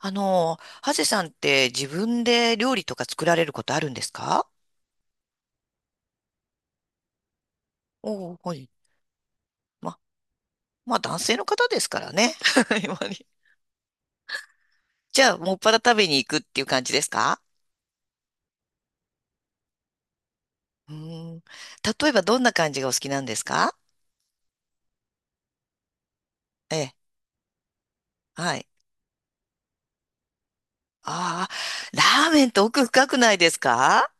あの、ハゼさんって自分で料理とか作られることあるんですか？おおー、はい。ま、まあ男性の方ですからね。今にじゃあ、もっぱら食べに行くっていう感じですか？うーん。例えばどんな感じがお好きなんですか？ええ、はい。ああ、ラーメンって奥深くないですか？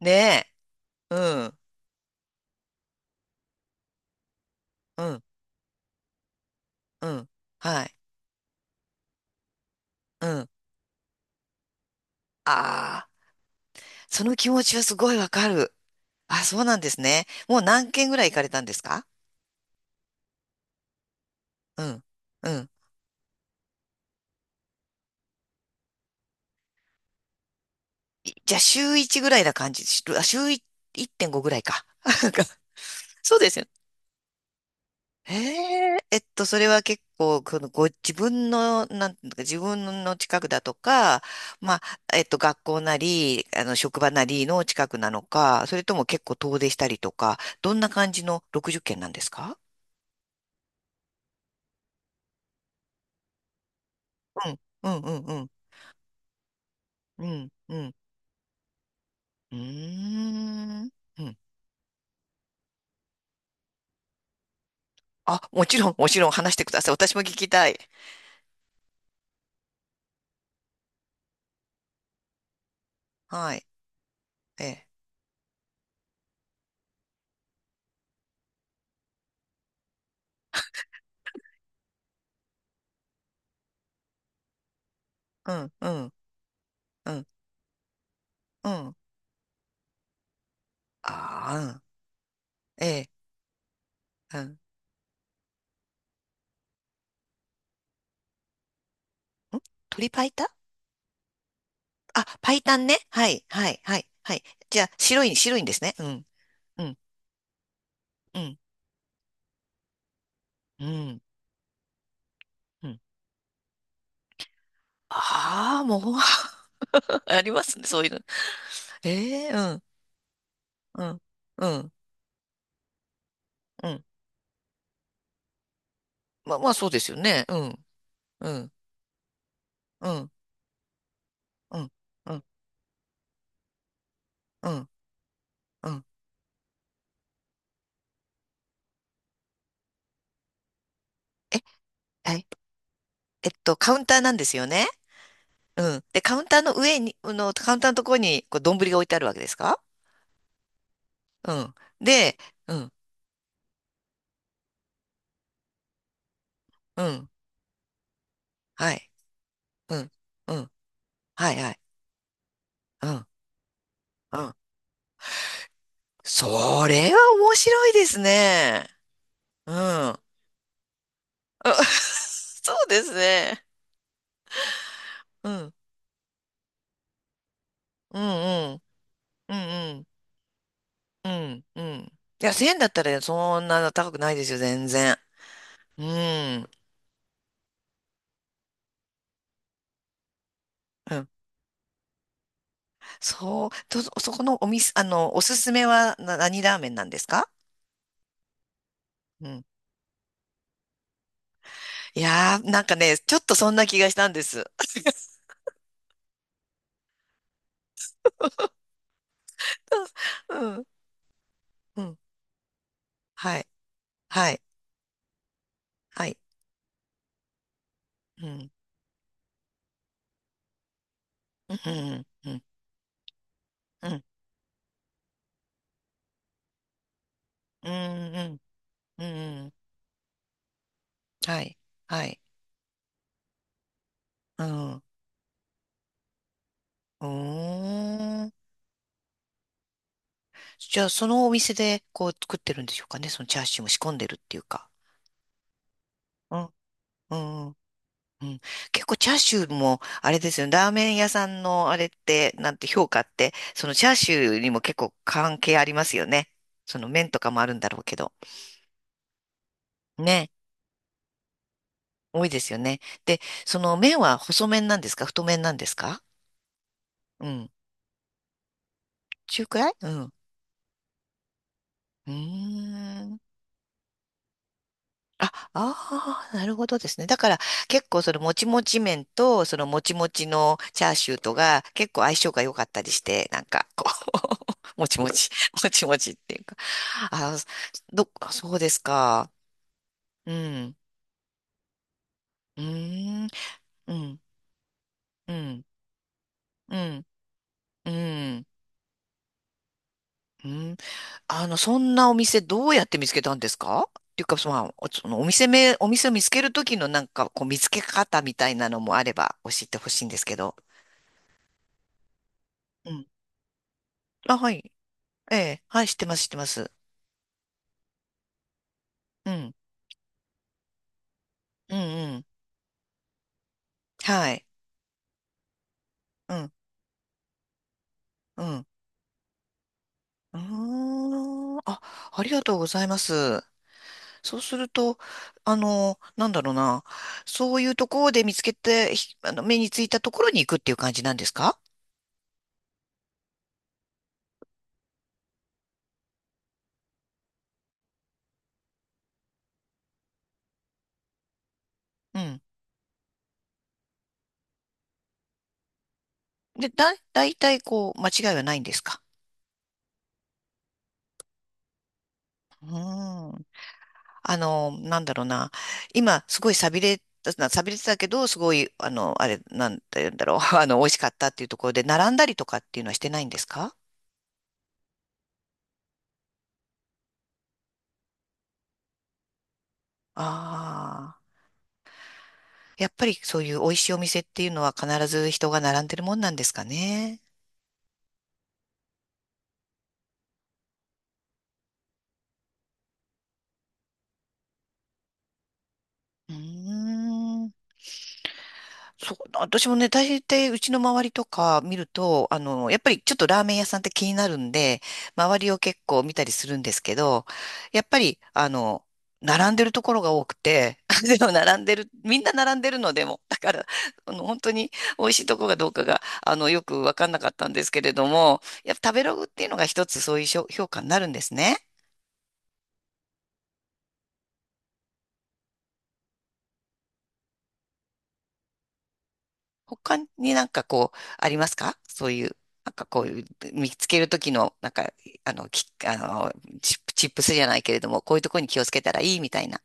ねえ。うん、うん、うん。はい、うん。ああ、その気持ちはすごいわかる。あ、そうなんですね。もう何軒ぐらい行かれたんですか？うん。うん、いじゃあ週1ぐらいな感じ、しあ週い1.5ぐらいか。なんかそうですよね。へえ、それは結構、このご自分の、なんていうか、自分の近くだとか、まあ、学校なり、職場なりの近くなのか、それとも結構遠出したりとか、どんな感じの60件なんですか？うん、うん、うん、うん、うん、うん、うーん。うん、あ、もちろん、もちろん話してください。私も聞きたい。はい。ええ、うん、うん、うん、うん。ああ、うん。ええ、うん。ん、鶏白湯。あ、白湯ね。はい、はい、はい、はい。じゃあ、白い、白いんですね。うん、うん、うん、うん、うん。ああ、もう。 ありますね、そういうの。ええ、うん、うん、うん、うん。まあ、まあ、そうですよね。うん、うん、うん、うん、うん、うん、うん。え、はい。えっと、カウンターなんですよね。うん。で、カウンターの上に、カウンターのところに、こう、丼が置いてあるわけですか？うん。で、うん、うん。はい。うん、うん、はいはい、うん、うん。それは面白いですね。うん。あ。 そうですね。うん、うん、うん、うん、うん、うん。いや、1000だったらねそんな高くないですよ、全然。うん、うん。そう、と、そこのお店、おすすめはな何ラーメンなんですか？うん。いやー、なんかね、ちょっとそんな気がしたんです。うん、うん、はい、はい、はい。うん、うん、うん。うん、うん、うん、うん、うん、はい、はい、うん、うーん。じゃあ、そのお店でこう作ってるんでしょうかね、そのチャーシューも仕込んでるっていうか。うん、うん、うん。結構チャーシューも、あれですよね、ラーメン屋さんのあれって、なんて評価って、そのチャーシューにも結構関係ありますよね。その麺とかもあるんだろうけど。ね、多いですよね。で、その麺は細麺なんですか太麺なんですか？うん。中くらいうん。うーん。あ、ああ、なるほどですね。だから結構そのもちもち麺とそのもちもちのチャーシューとが結構相性が良かったりして、なんかこう。 もちもち、もちもちっていうか。あ、ど、あそうですか。うん。うーん。うん。うん。うん。うん。うん。あの、そんなお店どうやって見つけたんですかっていうか、その、お、そのお店名、お店を見つけるときのなんかこう見つけ方みたいなのもあれば教えてほしいんですけど。うん。あ、はい。ええ、はい、知ってます、知ってます。うん、うん、うん。はい。うん、うん。うーん。あ、ありがとうございます。そうすると、なんだろうな。そういうところで見つけて、ひ、目についたところに行くっていう感じなんですか？うん。で、だいたいこう、間違いはないんですか？うーん。あの、なんだろうな。今、すごい寂れた、寂れてたけど、すごい、あれ、なんて言うんだろう。あの、美味しかったっていうところで、並んだりとかっていうのはしてないんですか？ああー。やっぱりそういう美味しいお店っていうのは必ず人が並んでるもんなんですかね。うーん。そう、私もね、大抵うちの周りとか見ると、やっぱりちょっとラーメン屋さんって気になるんで、周りを結構見たりするんですけど、やっぱり、あの、並んでるところが多くて、でも並んでる、みんな並んでるのでも、だから、本当に美味しいとこがどうかが、よくわかんなかったんですけれども、やっぱ食べログっていうのが一つそういう評、評価になるんですね。他になんかこう、ありますかそういう、なんかこういう、見つけるときの、なんか、あの、き、チップ、チップスじゃないけれども、こういうところに気をつけたらいいみたいな。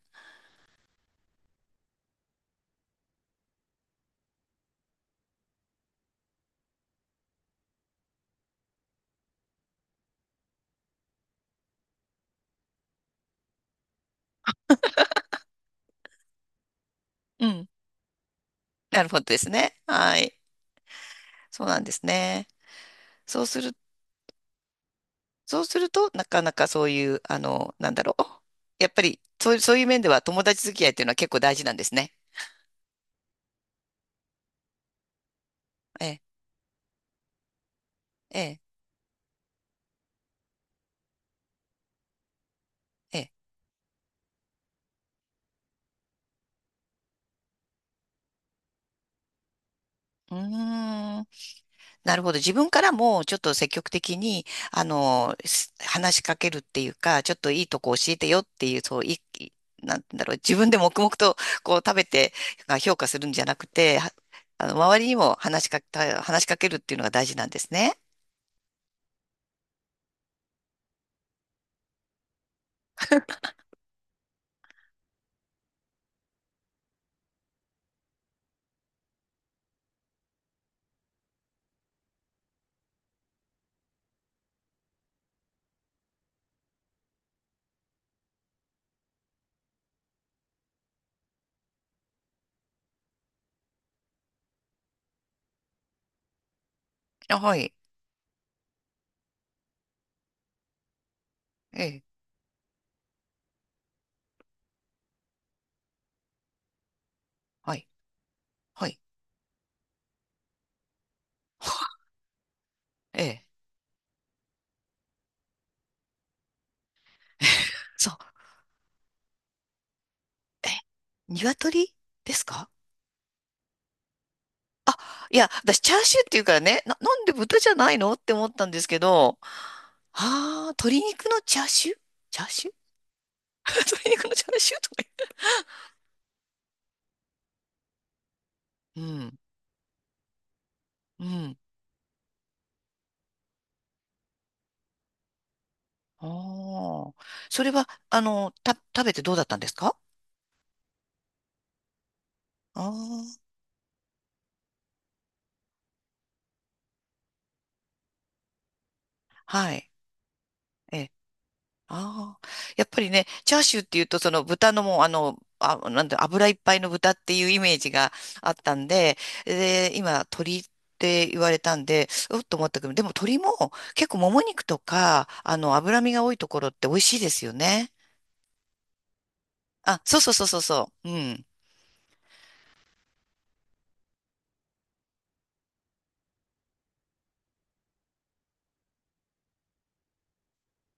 うん。なるほどですね。はい。そうなんですね。そうする、そうすると、なかなかそういう、なんだろう。やっぱり、そういう、そういう面では友達付き合いっていうのは結構大事なんですね。ええ、ええ、ええ。うーん。なるほど。自分からもちょっと積極的に、あの、す、話しかけるっていうか、ちょっといいとこ教えてよっていう、そう、い、い、なんだろう、自分で黙々とこう食べてまあ評価するんじゃなくて、は、あの、周りにも話しかけた、話しかけるっていうのが大事なんですね。あ、はい。ええ、はい。はい。ええ。そう。え、鶏ですか？あ、いや、私、チャーシューっていうからね、な、なんで豚じゃないのって思ったんですけど、ああ、鶏肉のチャーシュー、チャーシュー。 鶏肉のチャーシューとか言って。うん、うん。ああ。それは、あの、た、食べてどうだったんですか？ああー、はい。ええ、ああ、やっぱりね、チャーシューっていうと、その豚のもう、あの、あ、なんだ、油いっぱいの豚っていうイメージがあったんで、で、今、鶏って言われたんで、うっと思ったけど、でも鶏も結構もも肉とか、あの、脂身が多いところって美味しいですよね。あ、そうそうそうそうそう。うん。